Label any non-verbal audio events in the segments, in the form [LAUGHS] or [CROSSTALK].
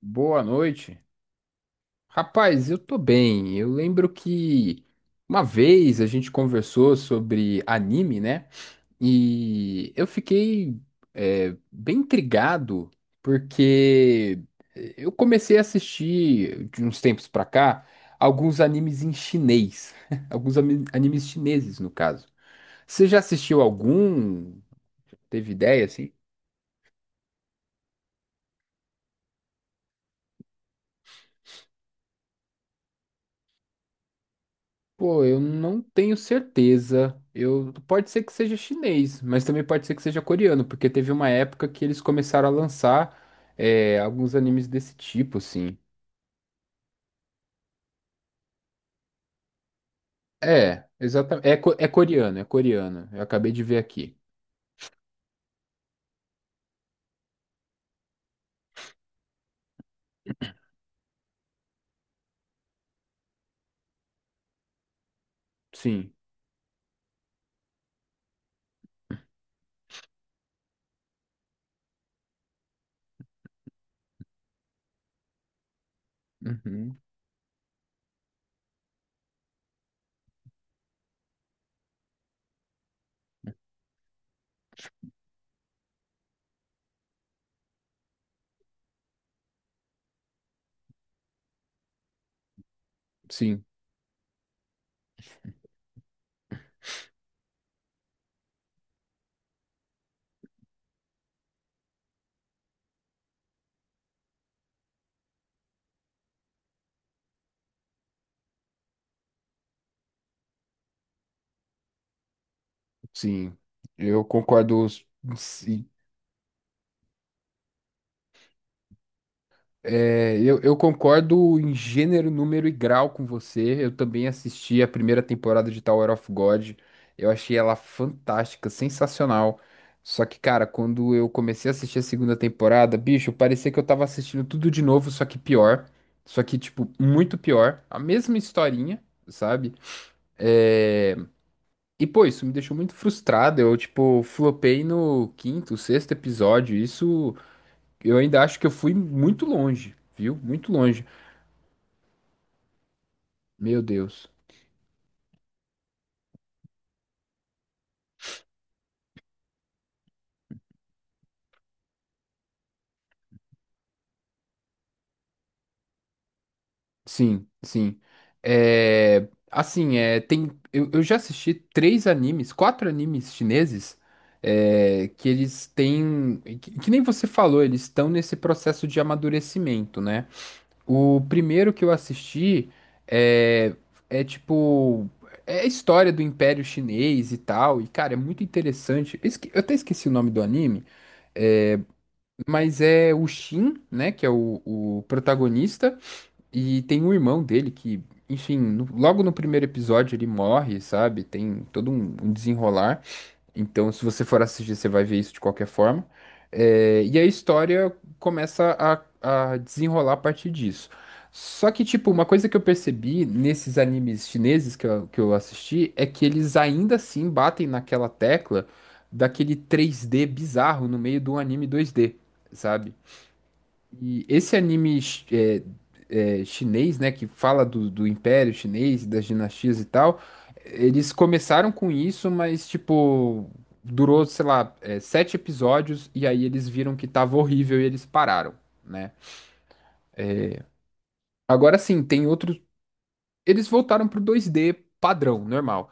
Boa noite. Rapaz, eu tô bem. Eu lembro que uma vez a gente conversou sobre anime, né? E eu fiquei bem intrigado porque eu comecei a assistir de uns tempos pra cá alguns animes em chinês. [LAUGHS] Animes chineses, no caso. Você já assistiu algum? Teve ideia, assim? Pô, eu não tenho certeza. Eu pode ser que seja chinês, mas também pode ser que seja coreano, porque teve uma época que eles começaram a lançar alguns animes desse tipo, assim. É, exatamente. É, é coreano, é coreano. Eu acabei de ver aqui. Sim. Uhum. Sim, sim. Eu concordo. É, eu concordo em gênero, número e grau com você. Eu também assisti a primeira temporada de Tower of God. Eu achei ela fantástica, sensacional. Só que, cara, quando eu comecei a assistir a segunda temporada, bicho, parecia que eu tava assistindo tudo de novo, só que pior. Só que, tipo, muito pior. A mesma historinha, sabe? É, Pô, isso me deixou muito frustrado. Eu, tipo, flopei no quinto, sexto episódio. Isso, eu ainda acho que eu fui muito longe, viu? Muito longe. Meu Deus. Sim, sim. É, assim, eu já assisti três animes, quatro animes chineses, que eles têm, que nem você falou, eles estão nesse processo de amadurecimento, né? O primeiro que eu assisti, é, é tipo, é a história do Império Chinês e tal, e cara, é muito interessante. Eu até esqueci o nome do anime, é, mas é o Xin, né, que é o protagonista. E tem um irmão dele que, enfim, logo no primeiro episódio ele morre, sabe? Tem todo um desenrolar. Então, se você for assistir, você vai ver isso de qualquer forma. E a história começa a desenrolar a partir disso. Só que, tipo, uma coisa que eu percebi nesses animes chineses, que eu assisti, é que eles ainda assim batem naquela tecla daquele 3D bizarro no meio de um anime 2D, sabe? E esse anime chi- é, é, chinês, né, que fala do Império Chinês, das dinastias e tal, eles começaram com isso, mas, tipo, durou, sei lá, 7 episódios, e aí eles viram que tava horrível e eles pararam, né? Agora sim, tem outros. Eles voltaram pro 2D padrão, normal.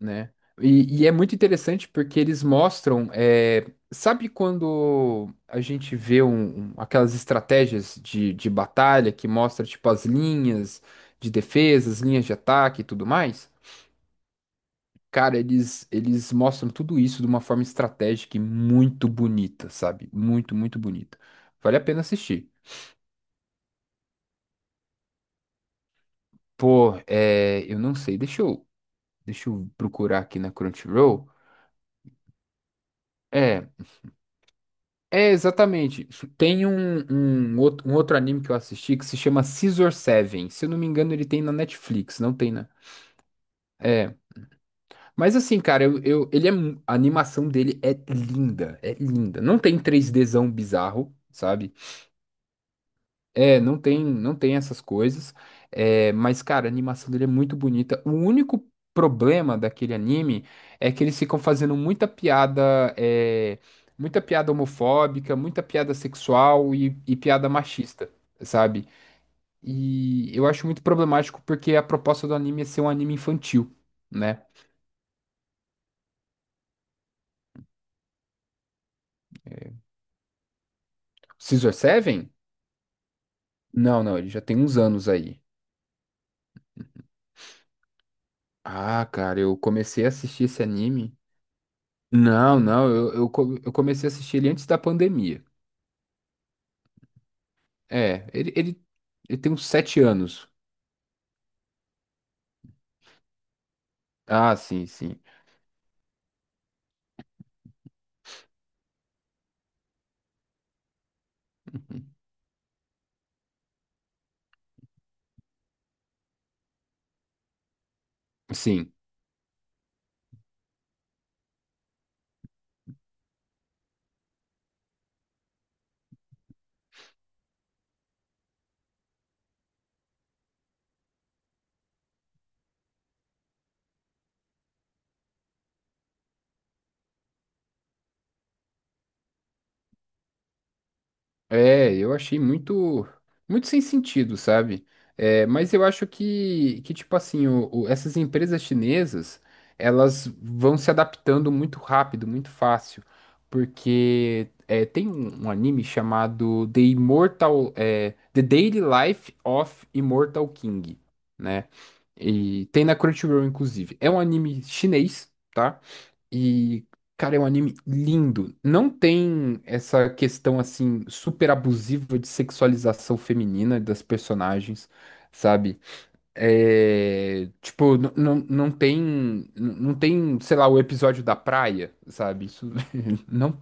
Né? E, é muito interessante porque eles mostram, sabe quando a gente vê aquelas estratégias de batalha que mostra tipo as linhas de defesa, as linhas de ataque e tudo mais? Cara, eles mostram tudo isso de uma forma estratégica e muito bonita, sabe? Muito, muito bonita. Vale a pena assistir. Pô, eu não sei, deixa eu procurar aqui na Crunchyroll. É. É, exatamente. Tem um outro anime que eu assisti que se chama Scissor Seven. Se eu não me engano, ele tem na Netflix, não tem, né? É. Mas assim, cara, a animação dele é linda, é linda. Não tem três dzão bizarro, sabe? É, não tem, não tem essas coisas. Mas, cara, a animação dele é muito bonita. O único problema daquele anime é que eles ficam fazendo muita piada, muita piada homofóbica, muita piada sexual e, piada machista, sabe? E eu acho muito problemático porque a proposta do anime é ser um anime infantil, né? Scissor Seven? Não, não, ele já tem uns anos aí. Ah, cara, eu comecei a assistir esse anime. Não, não, eu comecei a assistir ele antes da pandemia. É, ele, ele, ele tem uns 7 anos. Ah, sim, sim. [LAUGHS] Sim. É, eu achei muito, muito sem sentido, sabe? É, mas eu acho que, tipo assim, essas empresas chinesas, elas vão se adaptando muito rápido, muito fácil, tem um anime chamado The Immortal, The Daily Life of Immortal King, né? E tem na Crunchyroll, inclusive. É um anime chinês, tá? E, cara, é um anime lindo. Não tem essa questão, assim, super abusiva de sexualização feminina das personagens, sabe? É, tipo, não tem, não tem, sei lá, o episódio da praia, sabe? Isso. [LAUGHS] Não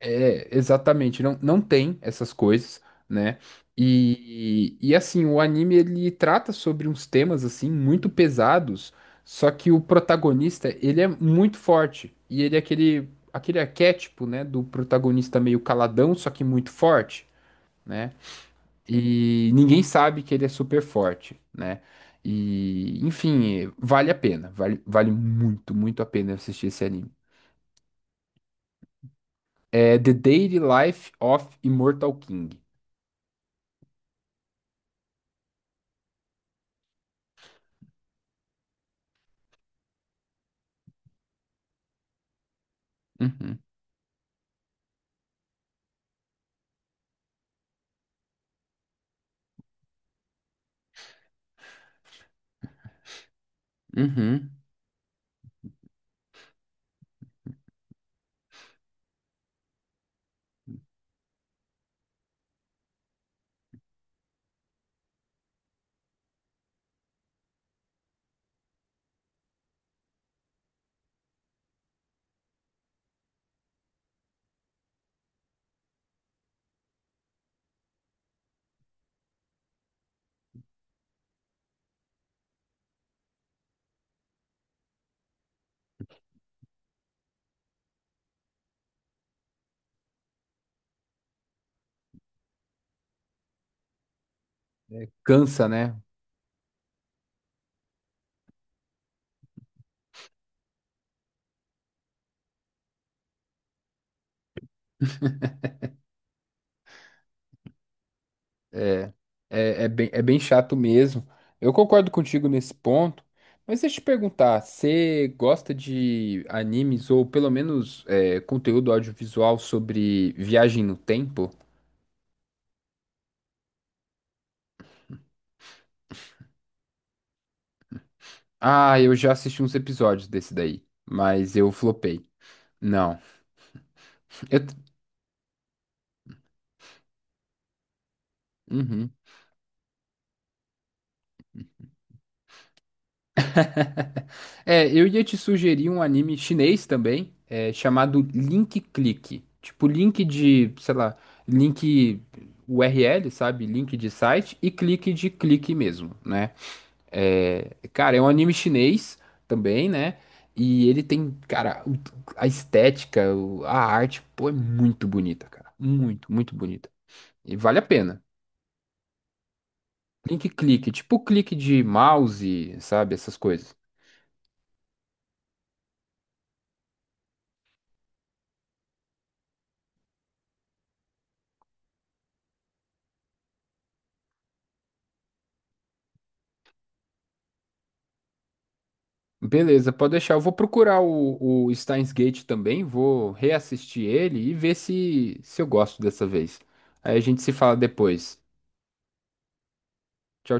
é, exatamente, não, não tem essas coisas, né? E, assim, o anime, ele trata sobre uns temas assim muito pesados, só que o protagonista, ele é muito forte e ele é aquele arquétipo, né, do protagonista meio caladão, só que muito forte, né? E ninguém sabe que ele é super forte, né? E enfim, vale a pena, vale muito, muito a pena assistir esse anime. É The Daily Life of Immortal King. Uhum, uhum. É, cansa, né? É, é bem chato mesmo. Eu concordo contigo nesse ponto, mas deixa eu te perguntar: você gosta de animes ou pelo menos, conteúdo audiovisual sobre viagem no tempo? Ah, eu já assisti uns episódios desse daí, mas eu flopei. Não. Eu, uhum. É, eu ia te sugerir um anime chinês também, chamado Link Click. Tipo, link de, sei lá, link URL, sabe? Link de site e clique de clique mesmo, né? Cara, é um anime chinês também, né? E ele tem, cara, a estética, a arte, pô, é muito bonita, cara. Muito, muito bonita. E vale a pena. Link clique, tipo clique de mouse, sabe? Essas coisas. Beleza, pode deixar. Eu vou procurar o Steins Gate também, vou reassistir ele e ver se eu gosto dessa vez. Aí a gente se fala depois. Tchau.